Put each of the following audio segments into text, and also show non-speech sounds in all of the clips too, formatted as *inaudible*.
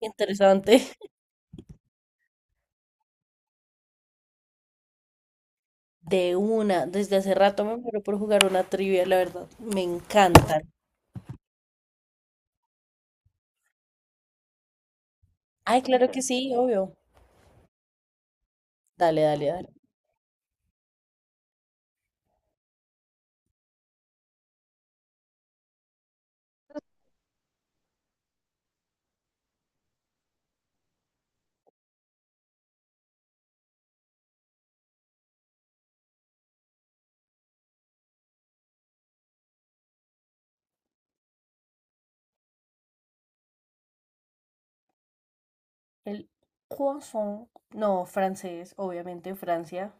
Interesante. De una, desde hace rato me muero por jugar una trivia, la verdad. Me encantan. Ay, claro que sí, obvio. Dale, dale, dale. El croissant. No, francés, obviamente, Francia.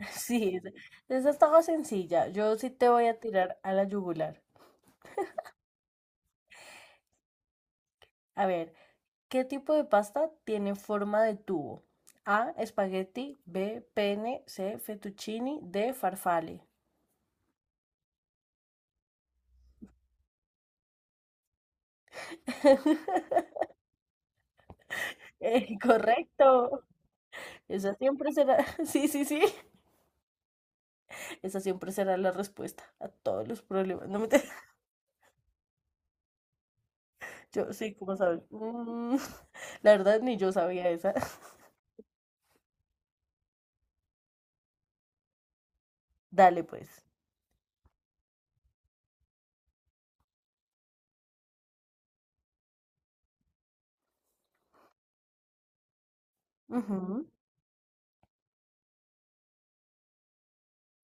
*laughs* Sí, esa estaba sencilla. Yo sí te voy a tirar a la yugular. A ver, ¿qué tipo de pasta tiene forma de tubo? A, espagueti, B, pene, C, fettuccini, D, farfalle. *laughs* Correcto. Esa siempre será, *laughs* sí, sí, sí, esa siempre será la respuesta a todos los problemas. No me te... *laughs* Yo sí, como sabes. Mm, *laughs* la verdad, ni yo sabía esa. *laughs* Dale, pues. Ujú.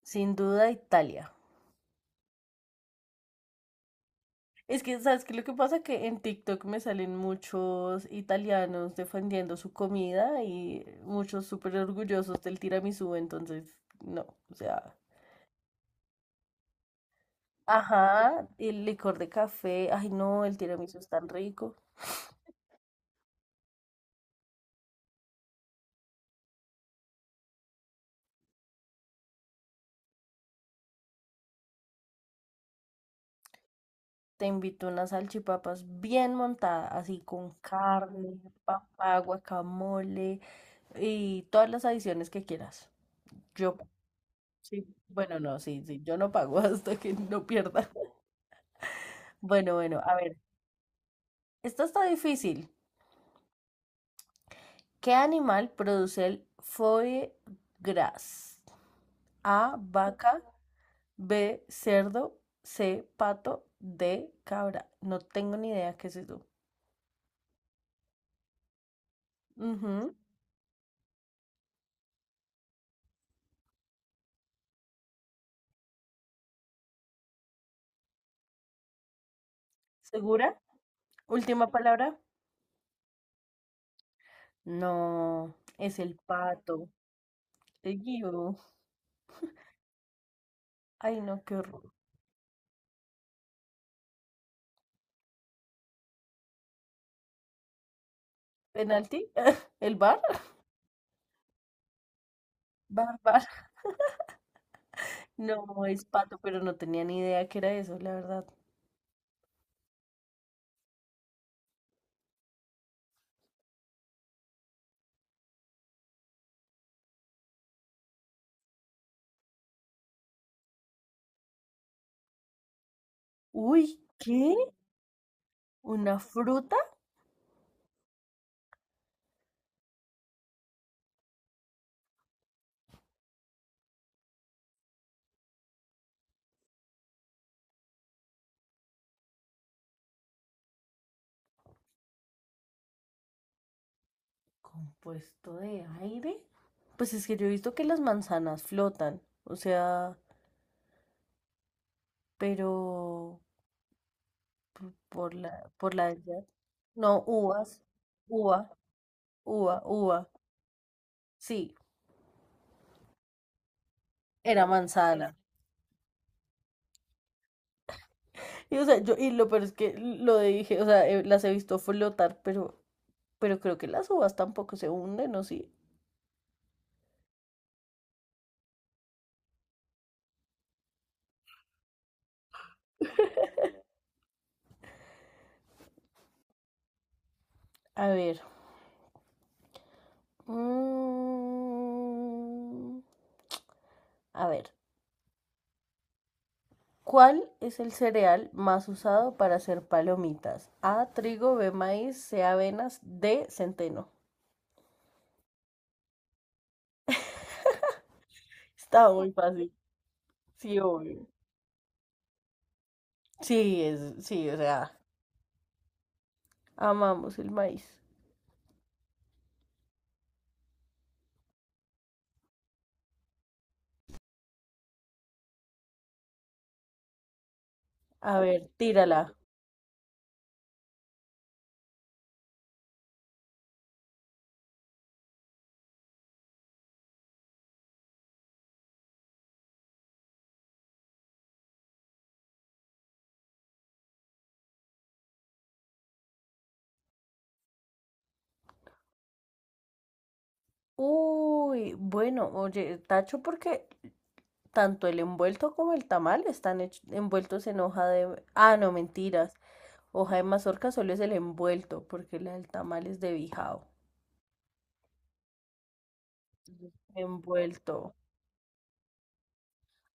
Sin duda, Italia. Es que, ¿sabes qué? Lo que pasa que en TikTok me salen muchos italianos defendiendo su comida y muchos súper orgullosos del tiramisú, entonces, no, o sea. Ajá, y el licor de café. Ay, no, el tiramisú es tan rico. Te invito unas salchipapas bien montadas, así con carne, papá, guacamole y todas las adiciones que quieras. Yo, sí, bueno, no, sí, sí, yo no pago *laughs* hasta que no pierda. Bueno, bueno, a ver, esto está difícil. ¿Qué animal produce el foie gras? A, vaca, B, cerdo, C, pato, D, cabra. No tengo ni idea qué es eso. Ujú. ¿Segura? Última palabra. No, es el pato. Te guío. Ay, no, qué horror. ¿Penalti? *laughs* ¿El bar? Bar, bar. No, es pato, pero no tenía ni idea que era eso, la verdad. Uy, ¿qué? ¿Una fruta? ¿Compuesto de aire? Pues es que yo he visto que las manzanas flotan. O sea, pero por la edad. No, uvas. Uva, uva, uva. Sí, era manzana. Y, o sea, yo, y lo peor es que lo dije, o sea, las he visto flotar, pero creo que las uvas tampoco se hunden, o sí. A ver. mm, a ver. ¿Cuál es el cereal más usado para hacer palomitas? A, trigo, B, maíz, C, avenas, D, centeno. Está muy fácil. Sí, obvio. Sí, es, sí, o sea, amamos el maíz. A ver, tírala. Uy, bueno, oye, tacho, porque tanto el envuelto como el tamal están envueltos en hoja de... Ah, no, mentiras. Hoja de mazorca solo es el envuelto, porque la del tamal es de bijao. Envuelto.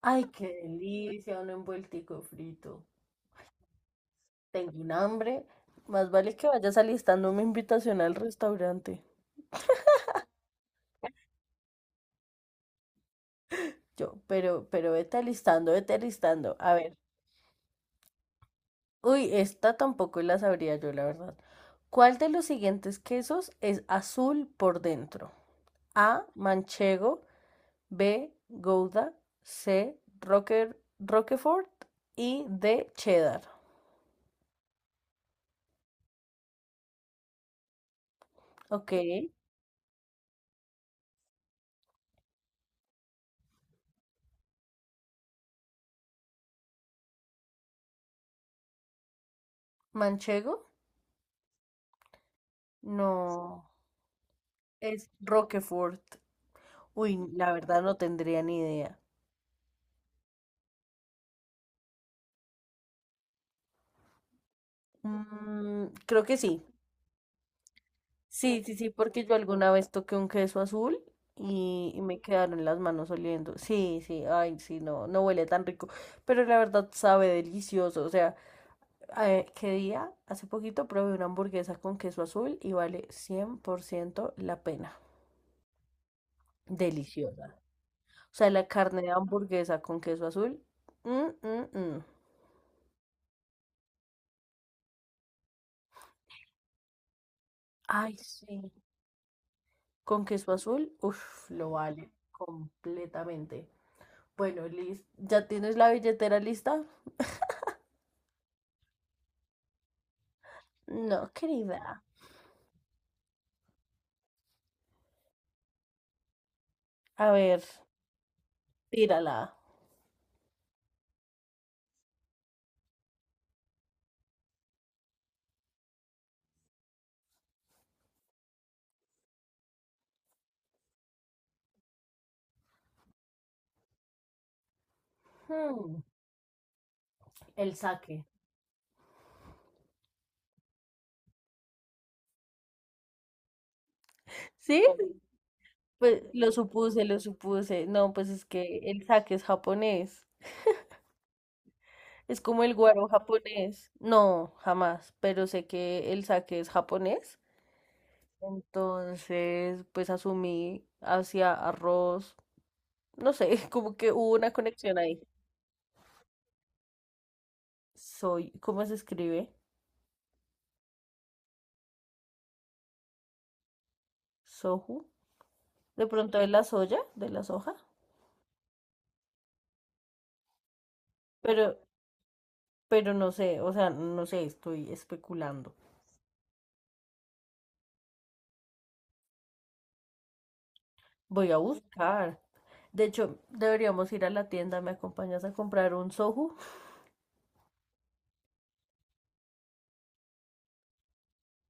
Ay, qué delicia, un envueltico frito. Tengo un hambre. Más vale que vayas alistando una invitación al restaurante. *laughs* Yo, pero vete alistando, vete alistando. A ver. Uy, esta tampoco la sabría yo, la verdad. ¿Cuál de los siguientes quesos es azul por dentro? A. Manchego. B. Gouda. C. Rocker, Roquefort. Y D. Cheddar. Ok. Manchego. No. Es Roquefort. Uy, la verdad no tendría ni idea. Mm, creo que sí. Sí, sí, sí, porque yo alguna vez toqué un queso azul y me quedaron las manos oliendo. Sí, sí, ay, sí, no, no huele tan rico, pero la verdad sabe delicioso. O sea, ¿qué día? Hace poquito probé una hamburguesa con queso azul y vale 100% la pena. Deliciosa. O sea, la carne de hamburguesa con queso azul. mm, mm, mm. Ay, sí. Con queso azul, uff, lo vale completamente. Bueno, Liz, ¿ya tienes la billetera lista? No, querida. A ver, tírala. Hmm, el saque. ¿Sí? Pues lo supuse, lo supuse. No, pues es que el saque es japonés. Es como el guaro japonés. No, jamás, pero sé que el sake es japonés. Entonces, pues asumí hacia arroz. No sé, *laughs* como que hubo una conexión ahí. Soy, ¿cómo se escribe? Soju. De pronto de la soya, de la soja. Pero, pero no sé, o sea, no sé, estoy especulando. Voy a buscar. De hecho, deberíamos ir a la tienda. ¿Me acompañas a comprar un soju? *laughs*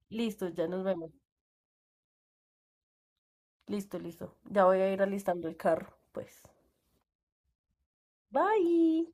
Listo, ya nos vemos. Listo, listo. Ya voy a ir alistando el carro, pues. Bye.